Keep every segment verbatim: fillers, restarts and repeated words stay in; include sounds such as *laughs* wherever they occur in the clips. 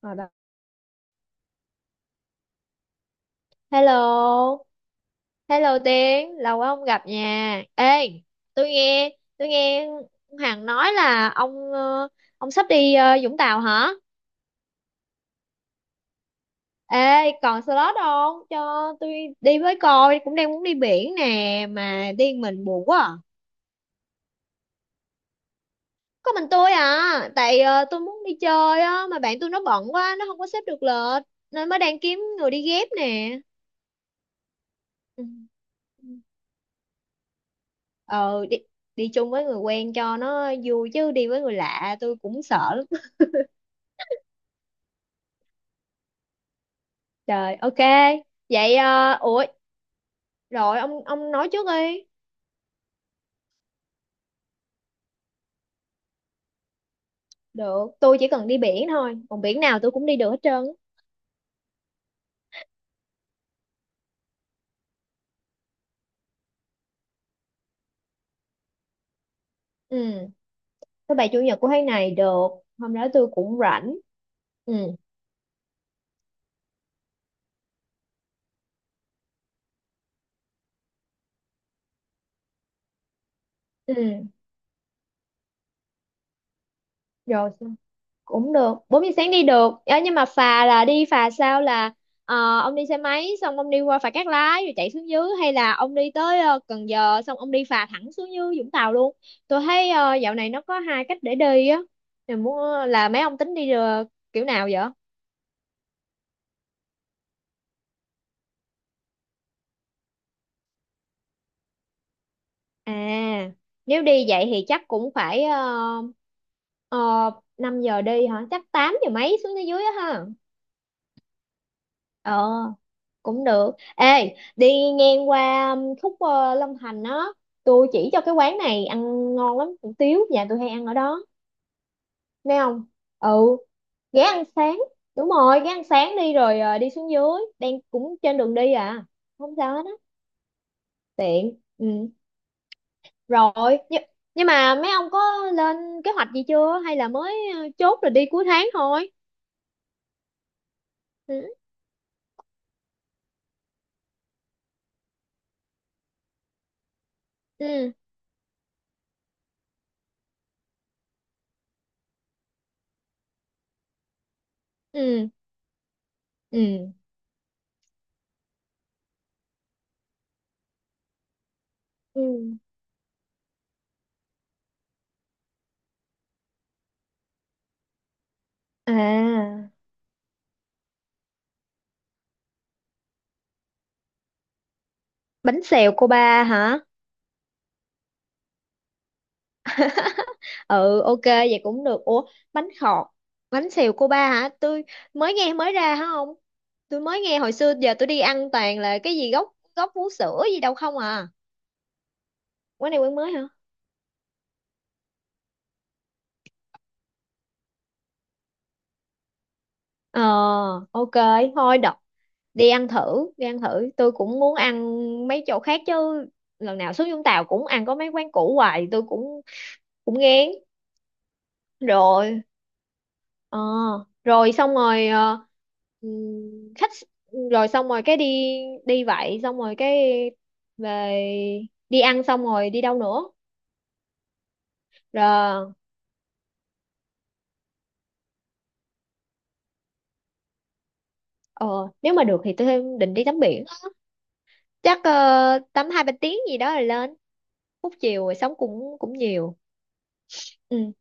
Ở đó. Hello, hello Tiến, lâu quá không gặp nha. Ê, tôi nghe, tôi nghe Hằng nói là ông ờ, ông sắp đi ờ, Vũng Tàu hả? Ê, còn slot không? Cho tôi đi với coi, cũng đang muốn đi biển nè mà đi một mình buồn quá. À. Có mình tôi à, tại ờ, tôi muốn đi chơi á mà bạn tôi nó bận quá, nó không có xếp được lịch nên mới đang kiếm người đi ghép nè. Ừ. Ừ. Ờ, đi đi chung với người quen cho nó vui chứ đi với người lạ tôi cũng sợ lắm. Trời, ok vậy. Ờ, ủa rồi ông ông nói trước đi. Được, tôi chỉ cần đi biển thôi, còn biển nào tôi cũng đi được hết trơn á. Ừ, thứ bảy chủ nhật của tháng này được, hôm đó tôi cũng rảnh. Ừ. Ừ. Rồi cũng được, bốn giờ sáng đi được. Ờ, nhưng mà phà là đi phà sao? Là ờ, ông đi xe máy xong ông đi qua phà Cát Lái rồi chạy xuống dưới, hay là ông đi tới ờ, Cần Giờ xong ông đi phà thẳng xuống dưới Vũng Tàu luôn? Tôi thấy ờ, dạo này nó có hai cách để đi á. Mình muốn ờ, là mấy ông tính đi ờ, kiểu nào vậy? À, nếu đi vậy thì chắc cũng phải uh, năm giờ đi hả, chắc tám giờ mấy xuống tới dưới á ha. Ờ, cũng được. Ê, đi ngang qua um, khúc ờ, Long Thành á, tôi chỉ cho cái quán này ăn ngon lắm, hủ tiếu nhà tôi hay ăn ở đó. Nghe không? Ừ, ghé ăn sáng, đúng rồi ghé ăn sáng đi rồi ờ, đi xuống dưới, đang cũng trên đường đi à, không sao hết á. Tiện. Ừ. Rồi, nhưng, nhưng mà mấy ông có lên kế hoạch gì chưa hay là mới ờ, chốt rồi đi cuối tháng thôi? Ừ. Ừ. Ừ. Ừ, ừ. À, bánh xèo cô ba hả? Ừ, ok vậy cũng được. Ủa, bánh khọt, bánh xèo cô ba hả? Tôi mới nghe, mới ra hả? Không, tôi mới nghe. Hồi xưa giờ tôi đi ăn toàn là cái gì gốc gốc vú sữa gì đâu không à. Quán này quán mới hả? Ờ, ok. Thôi đọc, đi ăn thử đi ăn thử, tôi cũng muốn ăn mấy chỗ khác chứ. Lần nào xuống Vũng Tàu cũng ăn có mấy quán cũ hoài, tôi cũng cũng ngán rồi. Ờ, rồi xong rồi ờ, ừm, khách rồi xong rồi cái đi đi vậy xong rồi cái về. Đi ăn xong rồi đi đâu nữa? Rồi, ờ, nếu mà được thì tôi định đi tắm biển, chắc ờ, tắm hai ba tiếng gì đó rồi lên. Phút chiều rồi sống cũng cũng nhiều. Ừ.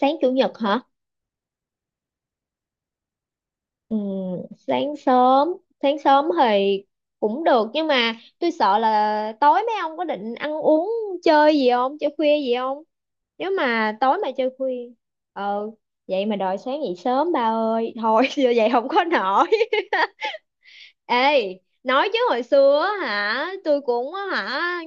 Sáng chủ nhật hả? Ừ, sáng sớm. Sáng sớm thì cũng được, nhưng mà tôi sợ là tối mấy ông có định ăn uống chơi gì không, chơi khuya gì không? Nếu mà tối mà chơi khuya, ờ, vậy mà đòi sáng dậy sớm, ba ơi thôi *laughs* giờ vậy không có nổi. *laughs* Ê, nói chứ hồi xưa á hả, tôi cũng á hả,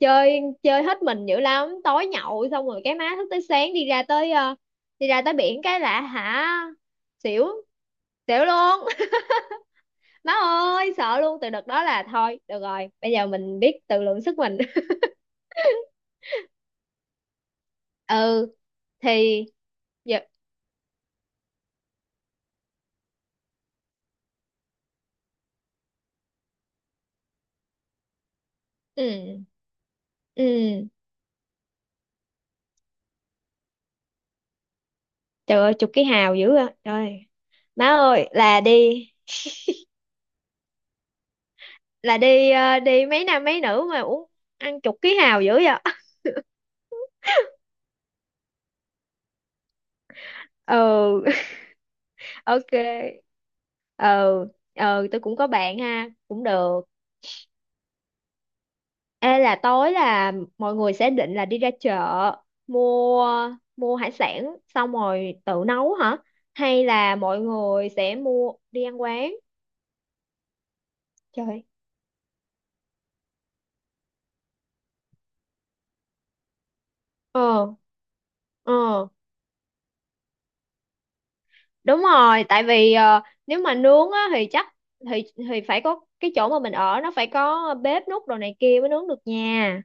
chơi chơi hết mình dữ lắm, tối nhậu xong rồi cái má thức tới sáng, đi ra tới ờ, đi ra tới biển cái lạ hả. Xỉu, xỉu luôn. Má ơi sợ luôn, từ đợt đó là thôi được rồi, bây giờ mình biết tự lượng sức mình. *laughs* Ừ thì giờ, ừ. Ừ. Trời ơi, chục cái hào dữ à trời. Má ơi, là đi, là đi ờ, đi mấy nam mấy nữ mà uống ăn chục ký hào dữ vậy? *laughs* Ừ. Ok. Ừ. Ừ, tôi cũng có bạn ha, cũng được. Ê, là tối là mọi người sẽ định là đi ra chợ mua, mua hải sản xong rồi tự nấu hả? Hay là mọi người sẽ mua đi ăn quán? Trời. Ờ, ờ, đúng rồi, tại vì ờ, nếu mà nướng á thì chắc, thì thì phải có cái chỗ mà mình ở nó phải có bếp nút đồ này kia mới nướng được nha.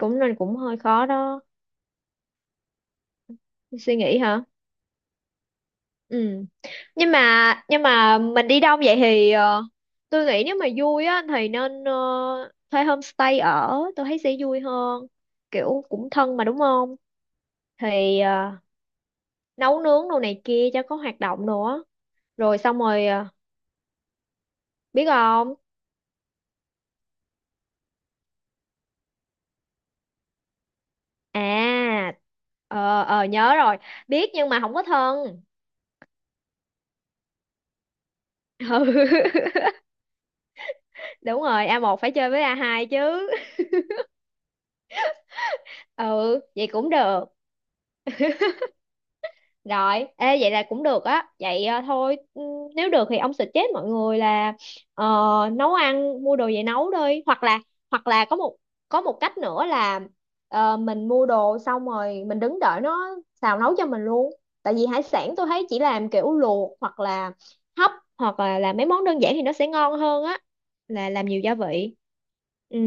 Cũng nên, cũng hơi khó đó. Suy nghĩ hả? Ừ. nhưng mà nhưng mà mình đi đông vậy thì ờ, tôi nghĩ nếu mà vui á thì nên ờ, thuê homestay ở, tôi thấy sẽ vui hơn, kiểu cũng thân mà đúng không? Thì ờ, nấu nướng đồ này kia cho có hoạt động nữa. Rồi xong rồi ờ, biết không. À, ờ ờ nhớ rồi, biết nhưng mà không có thân. *laughs* Ừ, đúng rồi, a một phải chơi với a hai chứ. *laughs* Ừ, vậy cũng được. Rồi, ê, vậy là cũng được á. Vậy ờ, thôi, ừ, nếu được thì ông suggest mọi người là ờ, nấu ăn, mua đồ về nấu đi. Hoặc là, hoặc là có một có một cách nữa là ờ, mình mua đồ xong rồi mình đứng đợi nó xào nấu cho mình luôn. Tại vì hải sản tôi thấy chỉ làm kiểu luộc hoặc là hấp, hoặc là làm mấy món đơn giản thì nó sẽ ngon hơn á. Là làm nhiều gia vị. Ừ,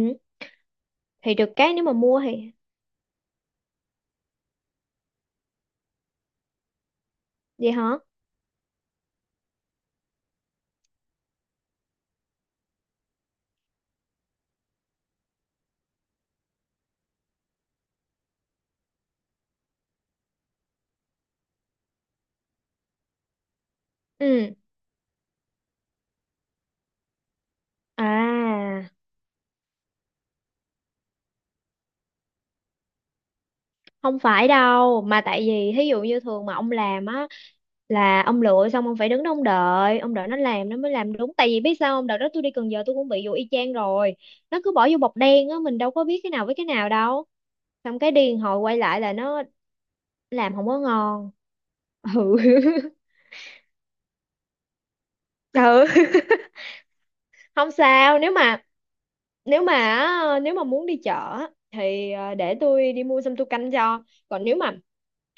thì được cái nếu mà mua thì, vậy hả? Ừ. À. Không phải đâu, mà tại vì thí dụ như thường mà ông làm á là ông lựa xong ông phải đứng đó ông đợi, ông đợi nó làm nó mới làm đúng. Tại vì biết sao không, đợt đó tôi đi Cần Giờ tôi cũng bị vụ y chang rồi, nó cứ bỏ vô bọc đen á, mình đâu có biết cái nào với cái nào đâu, xong cái điên hồi quay lại là nó làm không có ngon. Ừ. *laughs* Ừ, không sao. Nếu mà, nếu mà á, nếu mà muốn đi chợ á, thì ờ, để tôi đi mua xong tôi canh cho. Còn nếu mà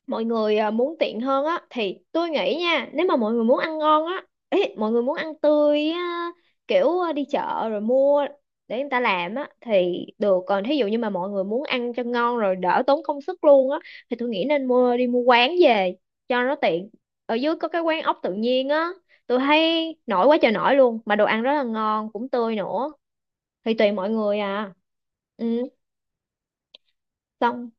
mọi người à, muốn tiện hơn á thì tôi nghĩ nha, nếu mà mọi người muốn ăn ngon á, ý, mọi người muốn ăn tươi á, kiểu à, đi chợ rồi mua để người ta làm á thì được. Còn thí dụ như mà mọi người muốn ăn cho ngon rồi đỡ tốn công sức luôn á thì tôi nghĩ nên mua, đi mua quán về cho nó tiện. Ở dưới có cái quán ốc tự nhiên á, tôi thấy nổi quá trời nổi luôn, mà đồ ăn rất là ngon, cũng tươi nữa. Thì tùy mọi người à. Ừ. Xong.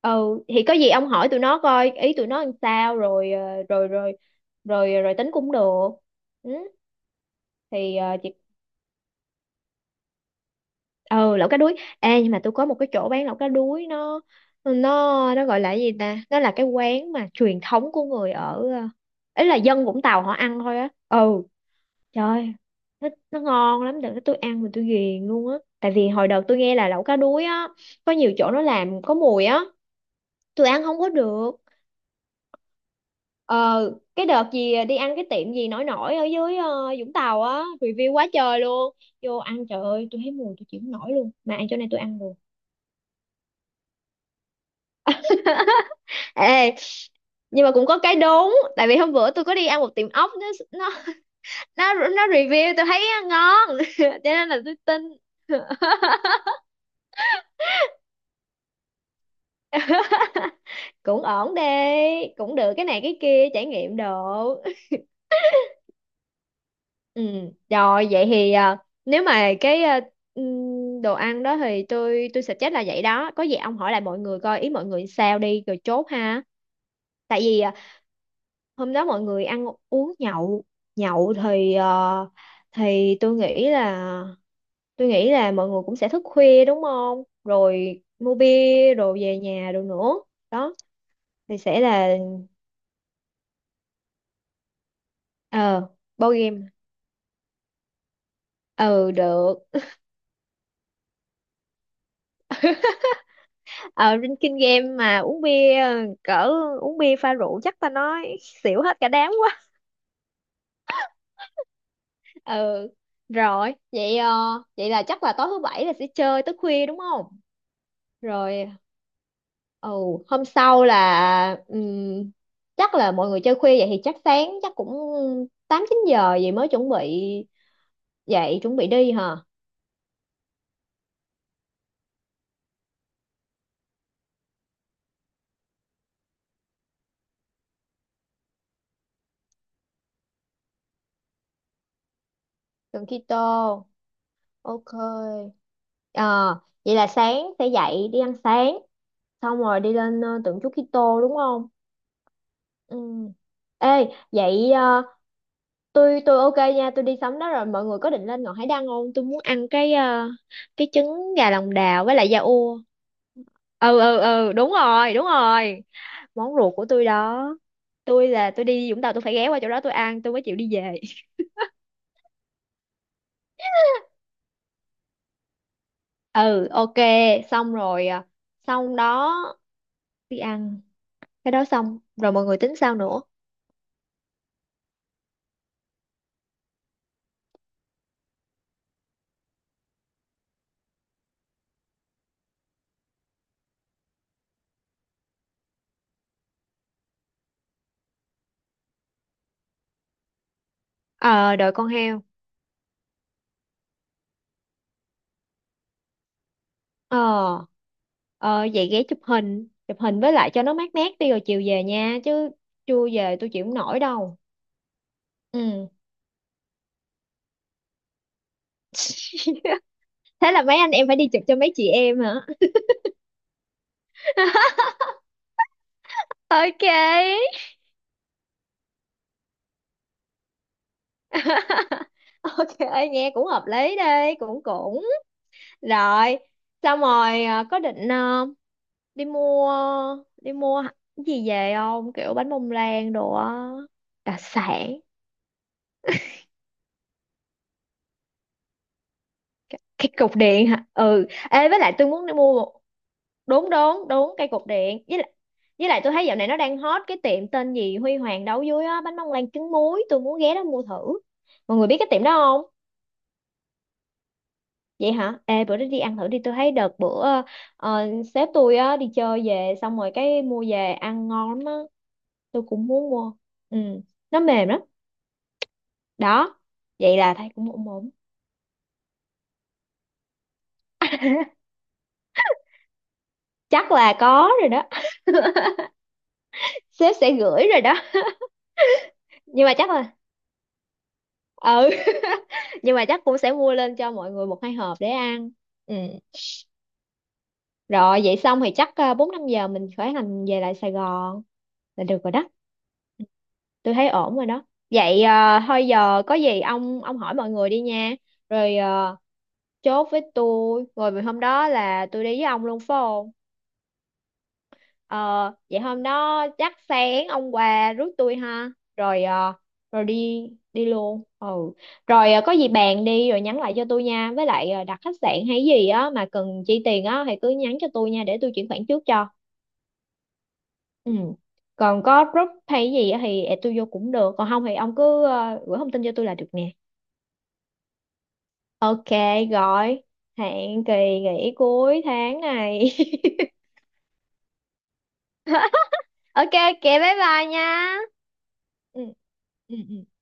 Ờ, thì có gì ông hỏi tụi nó coi ý tụi nó làm sao rồi ờ, rồi rồi rồi rồi tính cũng được. Ừ, thì ờ, chị, ừ, lẩu cá đuối. Ê, nhưng mà tôi có một cái chỗ bán lẩu cá đuối, nó nó nó gọi là cái gì ta, nó là cái quán mà truyền thống của người ở ờ, ấy, là dân Vũng Tàu họ ăn thôi á. Ừ. Trời, nó, nó ngon lắm, đừng, tôi ăn mà tôi ghiền luôn á. Tại vì hồi đầu tôi nghe là lẩu cá đuối á, có nhiều chỗ nó làm có mùi á, tôi ăn không có được. Ờ, cái đợt gì đi ăn cái tiệm gì nổi nổi ở dưới ờ, Vũng Tàu á, review quá trời luôn. Vô ăn, trời ơi, tôi thấy mùi tôi chịu không nổi luôn. Mà ăn chỗ này tôi ăn được. Ê, nhưng mà cũng có cái đúng, tại vì hôm bữa tôi có đi ăn một tiệm ốc, nó nó nó, nó review tôi thấy ngon. *laughs* Cho nên là tôi tin. *laughs* Cũng ổn đi, cũng được, cái này cái kia trải nghiệm đồ. Ừ, rồi vậy thì à, nếu mà cái à, ừm, đồ ăn đó thì tôi tôi suggest là vậy đó. Có gì ông hỏi lại mọi người coi ý mọi người sao đi rồi chốt ha. Tại vì à, hôm đó mọi người ăn uống nhậu, nhậu thì à, thì tôi nghĩ là tôi nghĩ là mọi người cũng sẽ thức khuya đúng không? Rồi mua bia rồi về nhà rồi nữa. Đó thì sẽ là ờ board game. Ừ được. Ở trên kinh game mà uống bia, ờ, cỡ uống bia pha rượu chắc ta nói xỉu hết cả đám quá. *laughs* Ừ, rồi vậy ờ, vậy là chắc là tối thứ bảy là sẽ chơi tới khuya đúng không? Rồi. Ừ. Hôm sau là ừm, chắc là mọi người chơi khuya vậy thì chắc sáng chắc cũng tám chín giờ vậy mới chuẩn bị dậy chuẩn bị đi hả? Cần keto. Ok. Ờ, vậy là sáng sẽ dậy đi ăn sáng xong rồi đi lên ờ, tượng Chúa Kitô đúng không? Ừ. Ê, vậy ờ, tôi tôi ok nha, tôi đi sắm đó. Rồi mọi người có định lên Ngọn Hải Đăng không? Tôi muốn ăn cái ờ, cái trứng gà lòng đào với lại da ua. Ừ ừ ừ, đúng rồi, đúng rồi. Món ruột của tôi đó. Tôi là tôi đi Vũng Tàu tôi phải ghé qua chỗ đó tôi ăn tôi mới chịu đi về. Ừ, ok, xong rồi. ờ, Xong đó, đi ăn cái đó xong rồi mọi người tính sao nữa? Ờ, đợi con heo. Ờ ờ, vậy ghé chụp hình chụp hình với lại cho nó mát mát đi rồi chiều về nha chứ, chưa về tôi chịu không nổi đâu. Ừ. *laughs* Thế là mấy anh em phải đi chụp cho mấy chị em hả? *laughs* Ok. *laughs* Ok, nghe cũng hợp lý, đi cũng cũng rồi. Xong rồi à, có định à, đi mua, đi mua cái gì về không, kiểu bánh bông lan đồ á, đặc sản. Cái cục điện hả? Ừ, ê với lại tôi muốn đi mua, đúng đúng đúng cây cột điện, với lại, với lại tôi thấy dạo này nó đang hot cái tiệm tên gì Huy Hoàng đấu dưới á, bánh bông lan trứng muối, tôi muốn ghé đó mua thử. Mọi người biết cái tiệm đó không? Vậy hả? Ê, bữa đó đi ăn thử đi, tôi thấy đợt bữa ờ, sếp tôi á đi chơi về xong rồi cái mua về ăn ngon lắm á, tôi cũng muốn mua. Ừ, nó mềm lắm. Đó, vậy là thấy cũng ổn ổn. Chắc là có rồi đó. *laughs* Sếp sẽ gửi rồi đó. Nhưng mà chắc là, ừ, *laughs* nhưng mà chắc cũng sẽ mua lên cho mọi người một hai hộp để ăn. Ừ. Rồi vậy xong thì chắc à, bốn năm giờ mình khởi hành về lại Sài Gòn là được rồi đó. Tôi thấy ổn rồi đó. Vậy à, thôi giờ có gì ông ông hỏi mọi người đi nha. Rồi à, chốt với tôi, rồi vì hôm đó là tôi đi với ông luôn phải không? Ờ, vậy hôm đó chắc sáng ông qua rước tôi ha. Rồi à, rồi đi đi luôn. Ừ. Rồi à, có gì bàn đi rồi nhắn lại cho tôi nha. Với lại à, đặt khách sạn hay gì á mà cần chi tiền á thì cứ nhắn cho tôi nha, để tôi chuyển khoản trước cho. Ừ. Còn có group hay gì á thì add tôi vô cũng được. Còn không thì ông cứ ờ, gửi thông tin cho tôi là được nè. Ok, gọi. Hẹn kỳ nghỉ cuối tháng này. *laughs* Ok ok bye bye nha. Ừ. Ừ. Ừ.